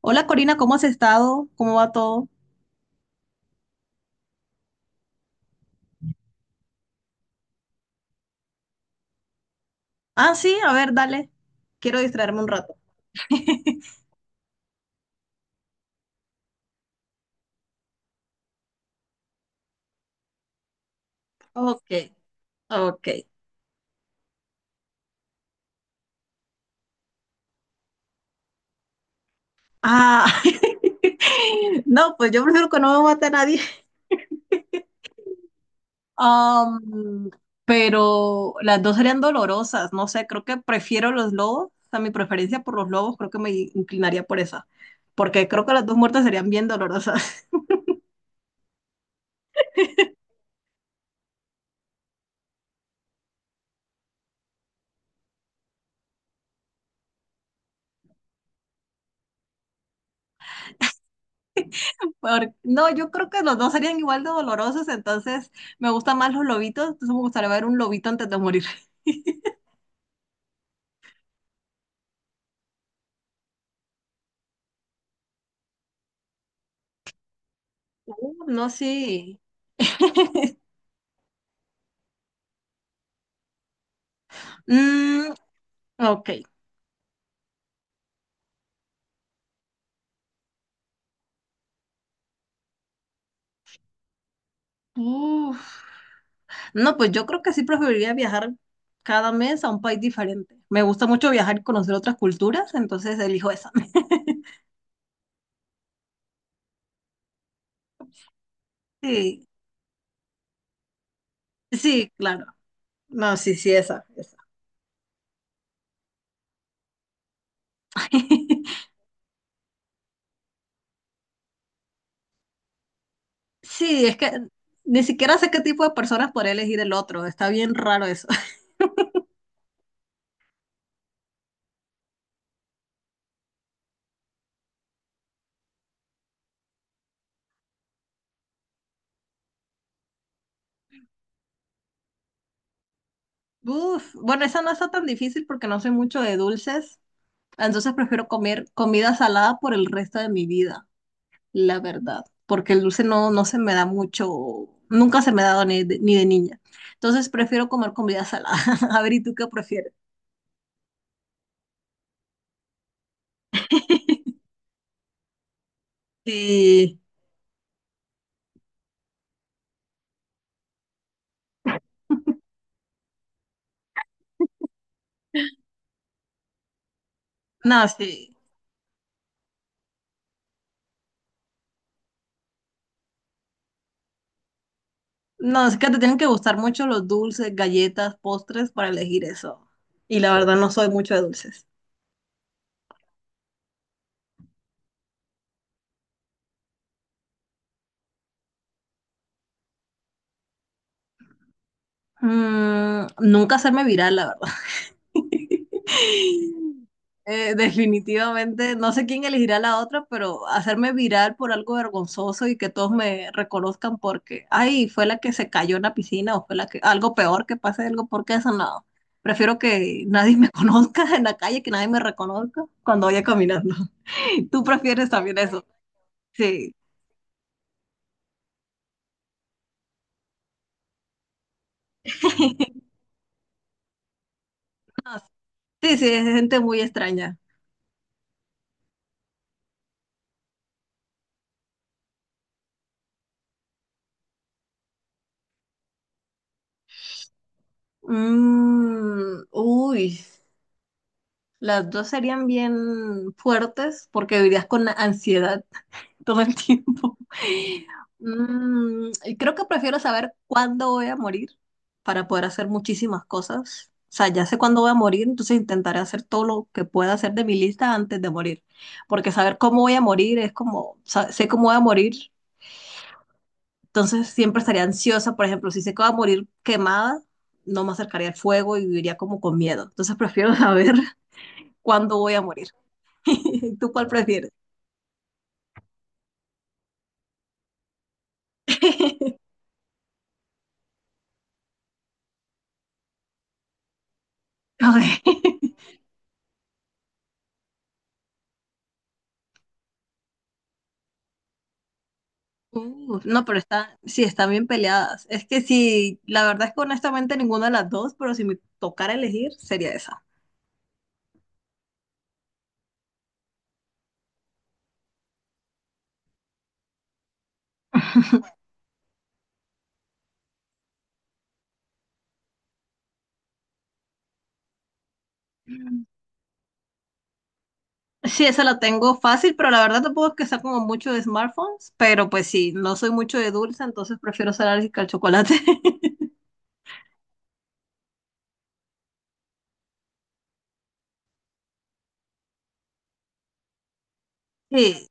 Hola, Corina, ¿cómo has estado? ¿Cómo va todo? Ah, sí, a ver, dale. Quiero distraerme un rato. Ok, ok. Ah, no, pues yo prefiero que no me mate a nadie. Am, pero las dos serían dolorosas, no sé, creo que prefiero los lobos, o sea, mi preferencia por los lobos creo que me inclinaría por esa, porque creo que las dos muertes serían bien dolorosas. No, yo creo que los dos serían igual de dolorosos, entonces me gustan más los lobitos, entonces me gustaría ver un lobito antes de morir. No, sí. Mm, ok. Uf. No, pues yo creo que sí preferiría viajar cada mes a un país diferente. Me gusta mucho viajar y conocer otras culturas, entonces elijo esa. Sí, sí, claro. No, sí, sí, esa, esa. Sí, es que ni siquiera sé qué tipo de personas podría elegir el otro. Está bien raro eso. Uf, bueno, esa no está tan difícil porque no soy mucho de dulces, entonces prefiero comer comida salada por el resto de mi vida. La verdad, porque el dulce no, no se me da mucho, nunca se me ha dado ni de, ni de niña. Entonces prefiero comer comida salada. A ver, ¿y tú qué prefieres? Sí, no, sí. No, es que te tienen que gustar mucho los dulces, galletas, postres para elegir eso. Y la verdad no soy mucho de dulces. Mm, nunca hacerme viral, la verdad. Definitivamente, no sé quién elegirá la otra, pero hacerme viral por algo vergonzoso y que todos me reconozcan porque, ay, fue la que se cayó en la piscina o fue la que, algo peor que pase, algo porque eso no. Prefiero que nadie me conozca en la calle, que nadie me reconozca cuando vaya caminando. ¿Tú prefieres también eso? Sí. Ah, sí, sí, es gente muy extraña. Mm, uy. Las dos serían bien fuertes porque vivirías con ansiedad todo el tiempo. Mm, y creo que prefiero saber cuándo voy a morir para poder hacer muchísimas cosas. O sea, ya sé cuándo voy a morir, entonces intentaré hacer todo lo que pueda hacer de mi lista antes de morir. Porque saber cómo voy a morir es como, sé cómo voy a morir, entonces siempre estaría ansiosa. Por ejemplo, si sé que voy a morir quemada, no me acercaría al fuego y viviría como con miedo. Entonces prefiero saber cuándo voy a morir. ¿Tú cuál prefieres? Ok. No, pero está, sí, están bien peleadas. Es que sí, la verdad es que honestamente ninguna de las dos, pero si me tocara elegir, sería esa. Mm. Sí, esa la tengo fácil, pero la verdad tampoco es que sea como mucho de smartphones, pero pues sí, no soy mucho de dulce, entonces prefiero ser alérgica al chocolate. Sí.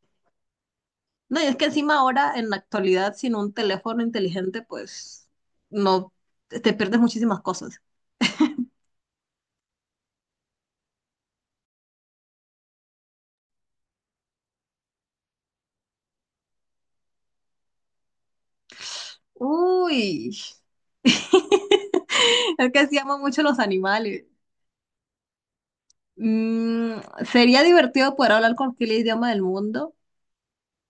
No, y es que encima ahora, en la actualidad, sin un teléfono inteligente, pues no, te pierdes muchísimas cosas. Uy, es que sí amo mucho los animales. Mm, sería divertido poder hablar cualquier idioma del mundo,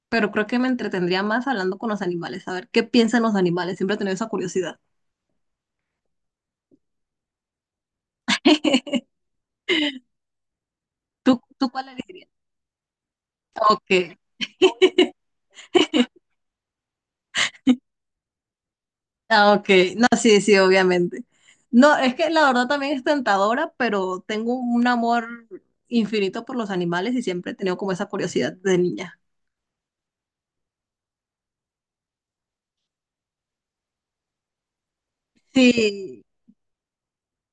pero creo que me entretendría más hablando con los animales, a ver qué piensan los animales. Siempre he tenido esa curiosidad. ¿Tú cuál elegirías? Ok, ah, ok. No, sí, sí, obviamente. No, es que la verdad también es tentadora, pero tengo un amor infinito por los animales y siempre he tenido como esa curiosidad de niña. Sí.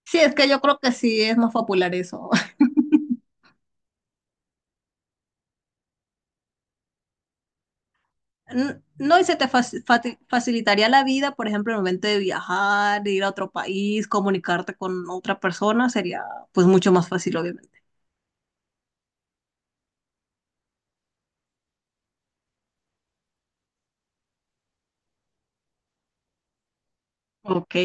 Sí, es que yo creo que sí es más popular eso. No, y se te facilitaría la vida, por ejemplo, en el momento de viajar, de ir a otro país, comunicarte con otra persona, sería pues mucho más fácil, obviamente. Ok.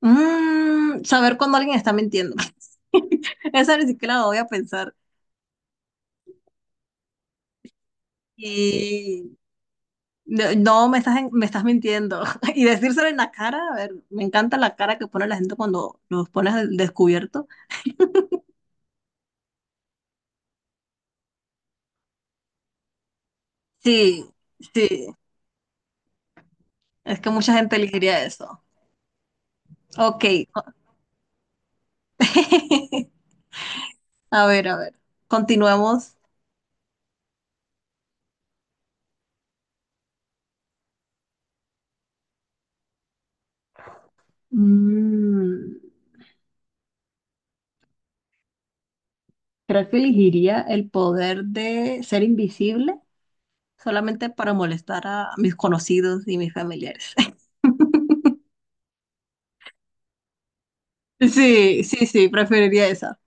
Mm, saber cuando alguien está mintiendo. Esa ni siquiera la voy a pensar. Y no, no, me estás mintiendo. Y decírselo en la cara, a ver, me encanta la cara que pone la gente cuando los pones al descubierto. Sí, sí, es que mucha gente elegiría eso. Ok. A ver, a ver. Continuemos. Mm, creo que elegiría el poder de ser invisible solamente para molestar a mis conocidos y mis familiares. Sí, sí, sí, preferiría esa.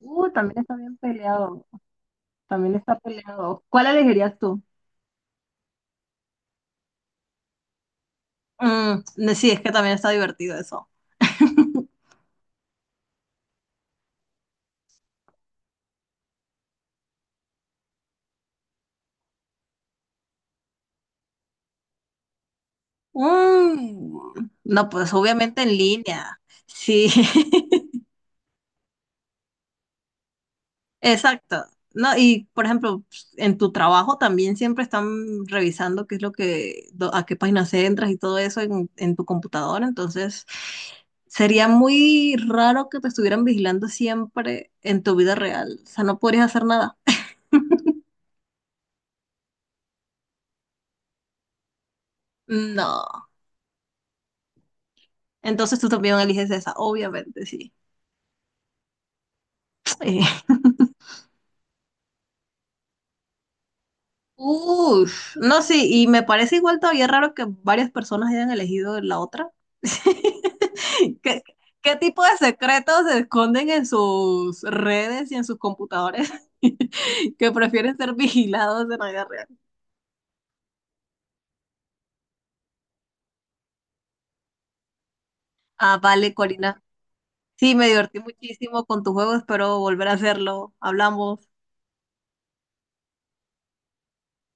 También está bien peleado. También está peleado. ¿Cuál elegirías tú? Mm, no, sí, es que también está divertido eso. Mm, no, pues obviamente en línea. Sí, exacto. No, y por ejemplo, en tu trabajo también siempre están revisando qué es lo que, a qué páginas entras y todo eso en tu computadora. Entonces, sería muy raro que te estuvieran vigilando siempre en tu vida real. O sea, no podrías hacer nada. No. Entonces tú también eliges esa, obviamente, sí. Eh, Ush, no, sí, y me parece igual todavía raro que varias personas hayan elegido la otra. ¿Qué, qué tipo de secretos se esconden en sus redes y en sus computadores que prefieren ser vigilados en la vida real? Ah, vale, Corina. Sí, me divertí muchísimo con tu juego, espero volver a hacerlo. Hablamos.